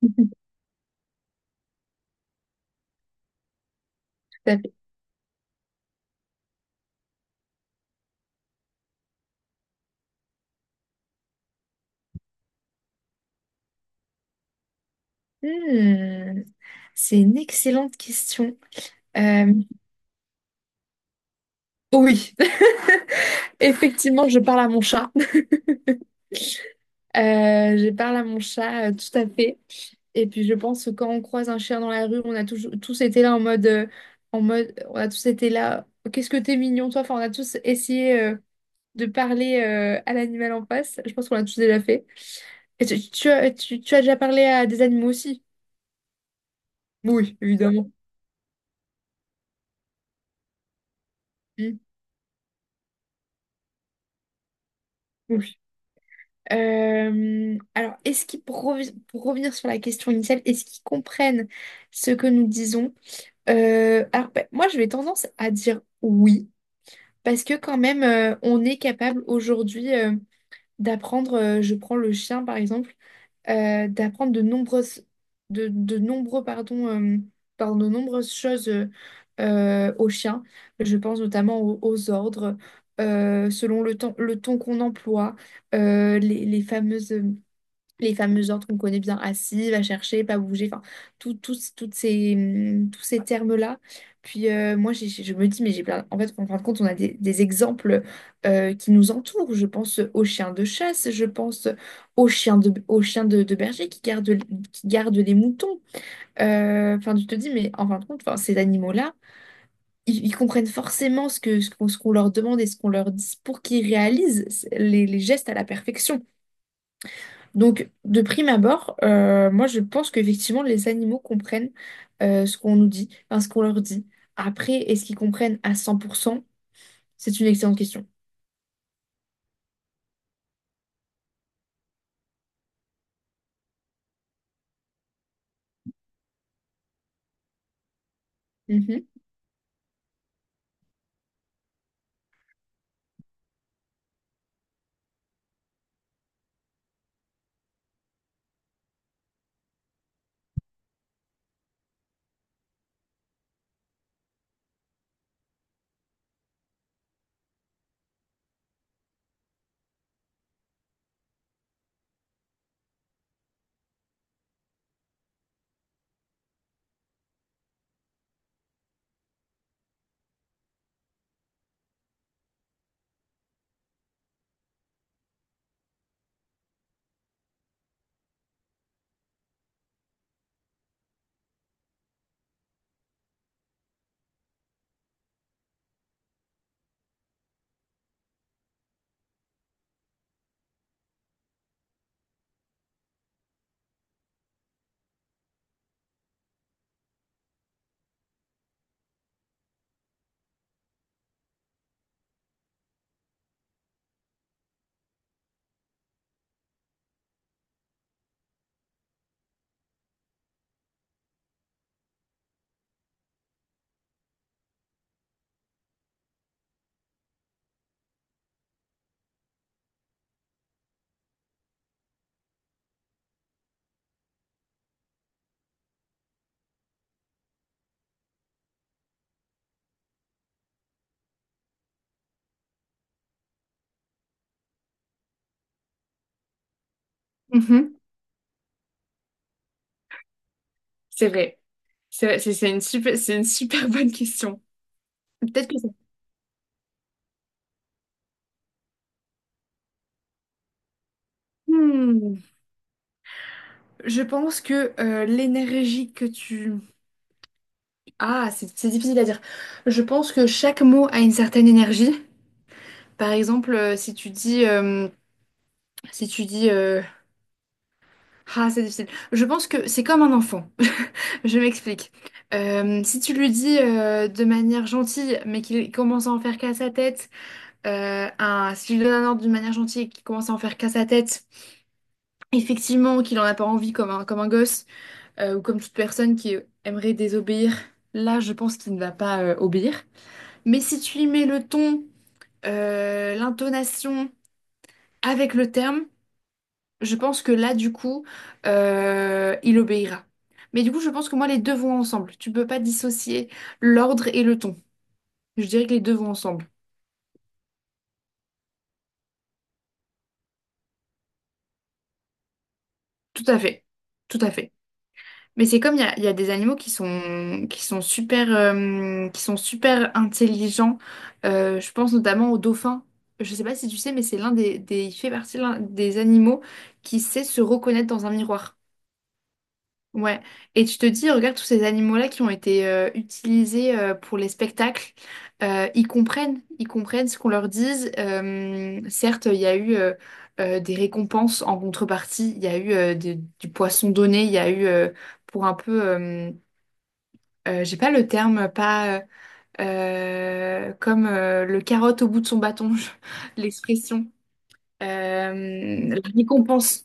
Tout à fait. Hmm, c'est une excellente question. Euh, oh oui, effectivement, je parle à mon chat. Je parle à mon chat, tout à fait. Et puis, je pense que quand on croise un chien dans la rue, on a toujours, tous été là en mode, on a tous été là. Qu'est-ce que t'es mignon, toi? Enfin, on a tous essayé de parler à l'animal en face. Je pense qu'on l'a tous déjà fait. Et tu as déjà parlé à des animaux aussi? Oui, évidemment. Hmm. Alors, est-ce qu'ils, pour, revi- pour revenir sur la question initiale, est-ce qu'ils comprennent ce que nous disons? Moi, je vais tendance à dire oui, parce que quand même, on est capable aujourd'hui d'apprendre, je prends le chien par exemple, d'apprendre de nombreuses, de nombreux, pardon, pardon, de nombreuses choses au chien. Je pense notamment aux ordres, euh, selon le ton qu'on emploie, euh, les fameux ordres qu'on connaît bien, assis, va chercher, pas bouger, enfin, toutes ces, tous ces termes-là. Puis moi, je me dis, mais j'ai plein. En fait, en fin de compte, on a des exemples qui nous entourent. Je pense aux chiens de chasse, je pense de berger qui gardent les moutons. Enfin, tu te dis, mais en fin de compte, enfin, ces animaux-là, ils comprennent forcément ce qu'on leur demande et ce qu'on leur dit pour qu'ils réalisent les gestes à la perfection. Donc, de prime abord, moi je pense qu'effectivement les animaux comprennent ce qu'on nous dit, enfin, ce qu'on leur dit. Après, est-ce qu'ils comprennent à 100%? C'est une excellente question. Mhm. Mhm. C'est vrai. C'est une super bonne question. Peut-être que ça... Hmm. Je pense que l'énergie que tu... Ah, c'est difficile à dire. Je pense que chaque mot a une certaine énergie. Par exemple, si tu dis, si tu dis Ah, c'est difficile. Je pense que c'est comme un enfant. Je m'explique. Si tu lui dis de manière gentille, mais qu'il commence à en faire qu'à sa tête, un, Si tu lui donnes un ordre d'une manière gentille et qu'il commence à en faire qu'à sa tête, effectivement, qu'il en a pas envie comme un gosse ou comme toute personne qui aimerait désobéir, là, je pense qu'il ne va pas obéir. Mais si tu lui mets le ton, l'intonation avec le terme, je pense que là, du coup, il obéira. Mais du coup, je pense que moi, les deux vont ensemble. Tu peux pas dissocier l'ordre et le ton. Je dirais que les deux vont ensemble. Tout à fait. Tout à fait. Mais c'est comme il y a des animaux qui sont super intelligents. Je pense notamment aux dauphins. Je sais pas si tu sais, mais c'est il fait partie l'un des animaux qui sait se reconnaître dans un miroir. Ouais, et tu te dis, regarde tous ces animaux-là qui ont été utilisés pour les spectacles, ils comprennent ce qu'on leur dise. Certes, il y a eu des récompenses en contrepartie, il y a eu du poisson donné, il y a eu pour un peu, euh, j'ai pas le terme, pas comme le carotte au bout de son bâton, l'expression, Euh, la récompense.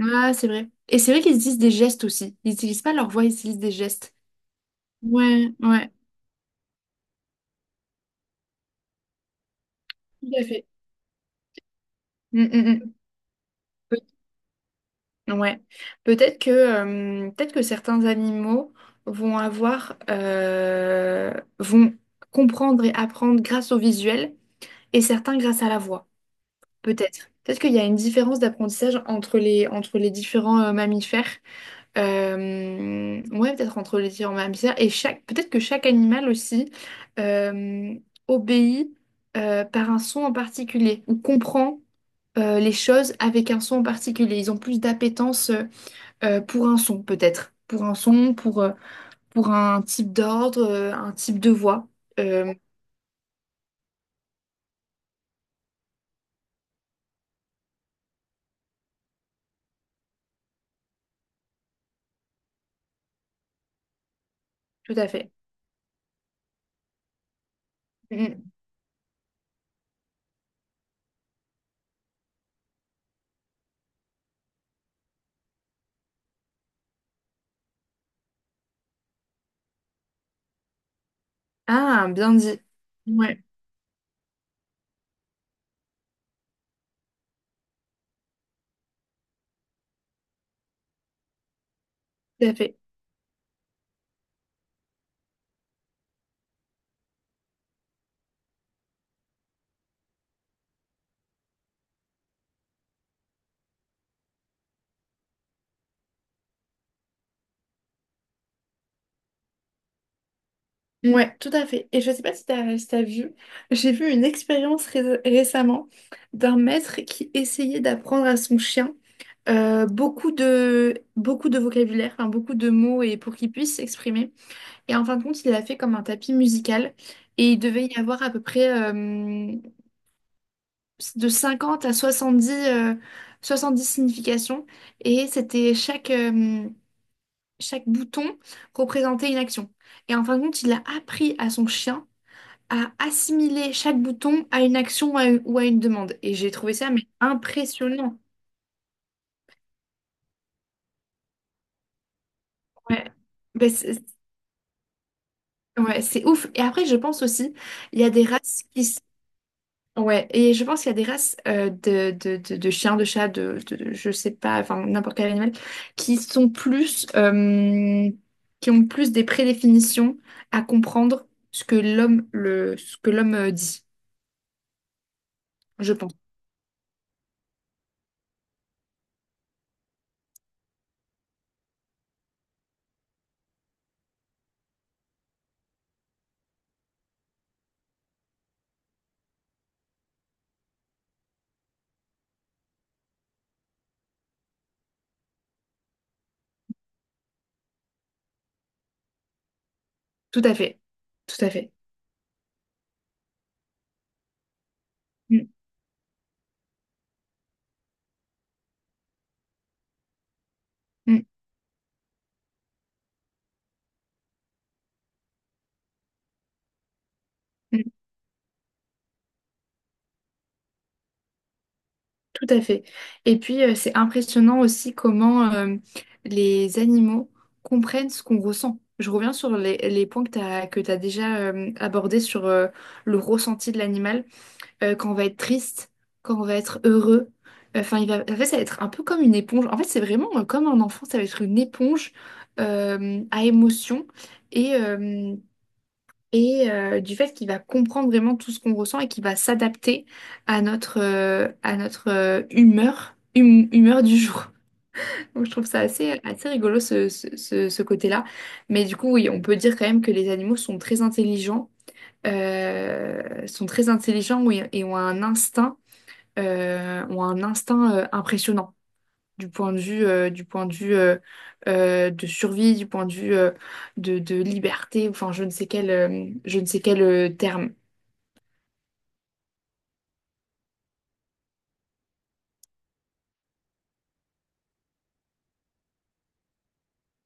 Ah, c'est vrai. Et c'est vrai qu'ils utilisent des gestes aussi. Ils n'utilisent pas leur voix, ils utilisent des gestes. Ouais, ouais, tout à fait. Mm, mm, mm. Peut... ouais. Peut-être que certains animaux vont avoir, euh, vont comprendre et apprendre grâce au visuel et certains grâce à la voix. Peut-être. Peut-être qu'il y a une différence d'apprentissage entre les différents mammifères. Ouais, peut-être entre les différents mammifères. Peut-être que chaque animal aussi euh, obéit par un son en particulier ou comprend les choses avec un son en particulier. Ils ont plus d'appétence pour un son, peut-être. Pour, pour un type d'ordre, un type de voix. Euh, Tout à fait. Mm. Ah, bien dit. Ouais, tout à fait. Ouais, tout à fait. Et je sais pas si t'as vu, j'ai vu une expérience récemment d'un maître qui essayait d'apprendre à son chien euh, beaucoup de vocabulaire, enfin, beaucoup de mots et pour qu'il puisse s'exprimer. Et en fin de compte, il l'a fait comme un tapis musical et il devait y avoir à peu près de 50 à 70, 70 significations. Et c'était chaque, euh, Chaque bouton représentait une action. Et en fin de compte, il a appris à son chien à assimiler chaque bouton à une action ou à une demande. Et j'ai trouvé ça mais impressionnant. Ouais. Ben, c'est ouais, c'est ouf. Et après, je pense aussi, il y a des races qui... s- Ouais, et je pense qu'il y a des races euh, de chiens, de chats, je sais pas, enfin n'importe quel animal, qui sont plus... qui ont plus des prédéfinitions à comprendre ce que l'homme dit, je pense. Tout à fait. Tout à fait. Mm, mm, tout à fait. Et puis, c'est impressionnant aussi comment les animaux comprennent ce qu'on ressent. Je reviens sur les points que tu déjà abordés sur le ressenti de l'animal. Quand on va être triste, quand on va être heureux. Enfin, il va, en fait, ça va être un peu comme une éponge. En fait, c'est vraiment comme un enfant, ça va être une éponge à émotion. Et, euh, du fait qu'il va comprendre vraiment tout ce qu'on ressent et qu'il va s'adapter à notre humeur, humeur du jour. Donc je trouve ça assez, assez rigolo ce côté-là. Mais du coup, oui, on peut dire quand même que les animaux sont très intelligents, et ont un instinct, impressionnant du point de vue de survie, du point de vue de liberté, enfin je ne sais quel terme.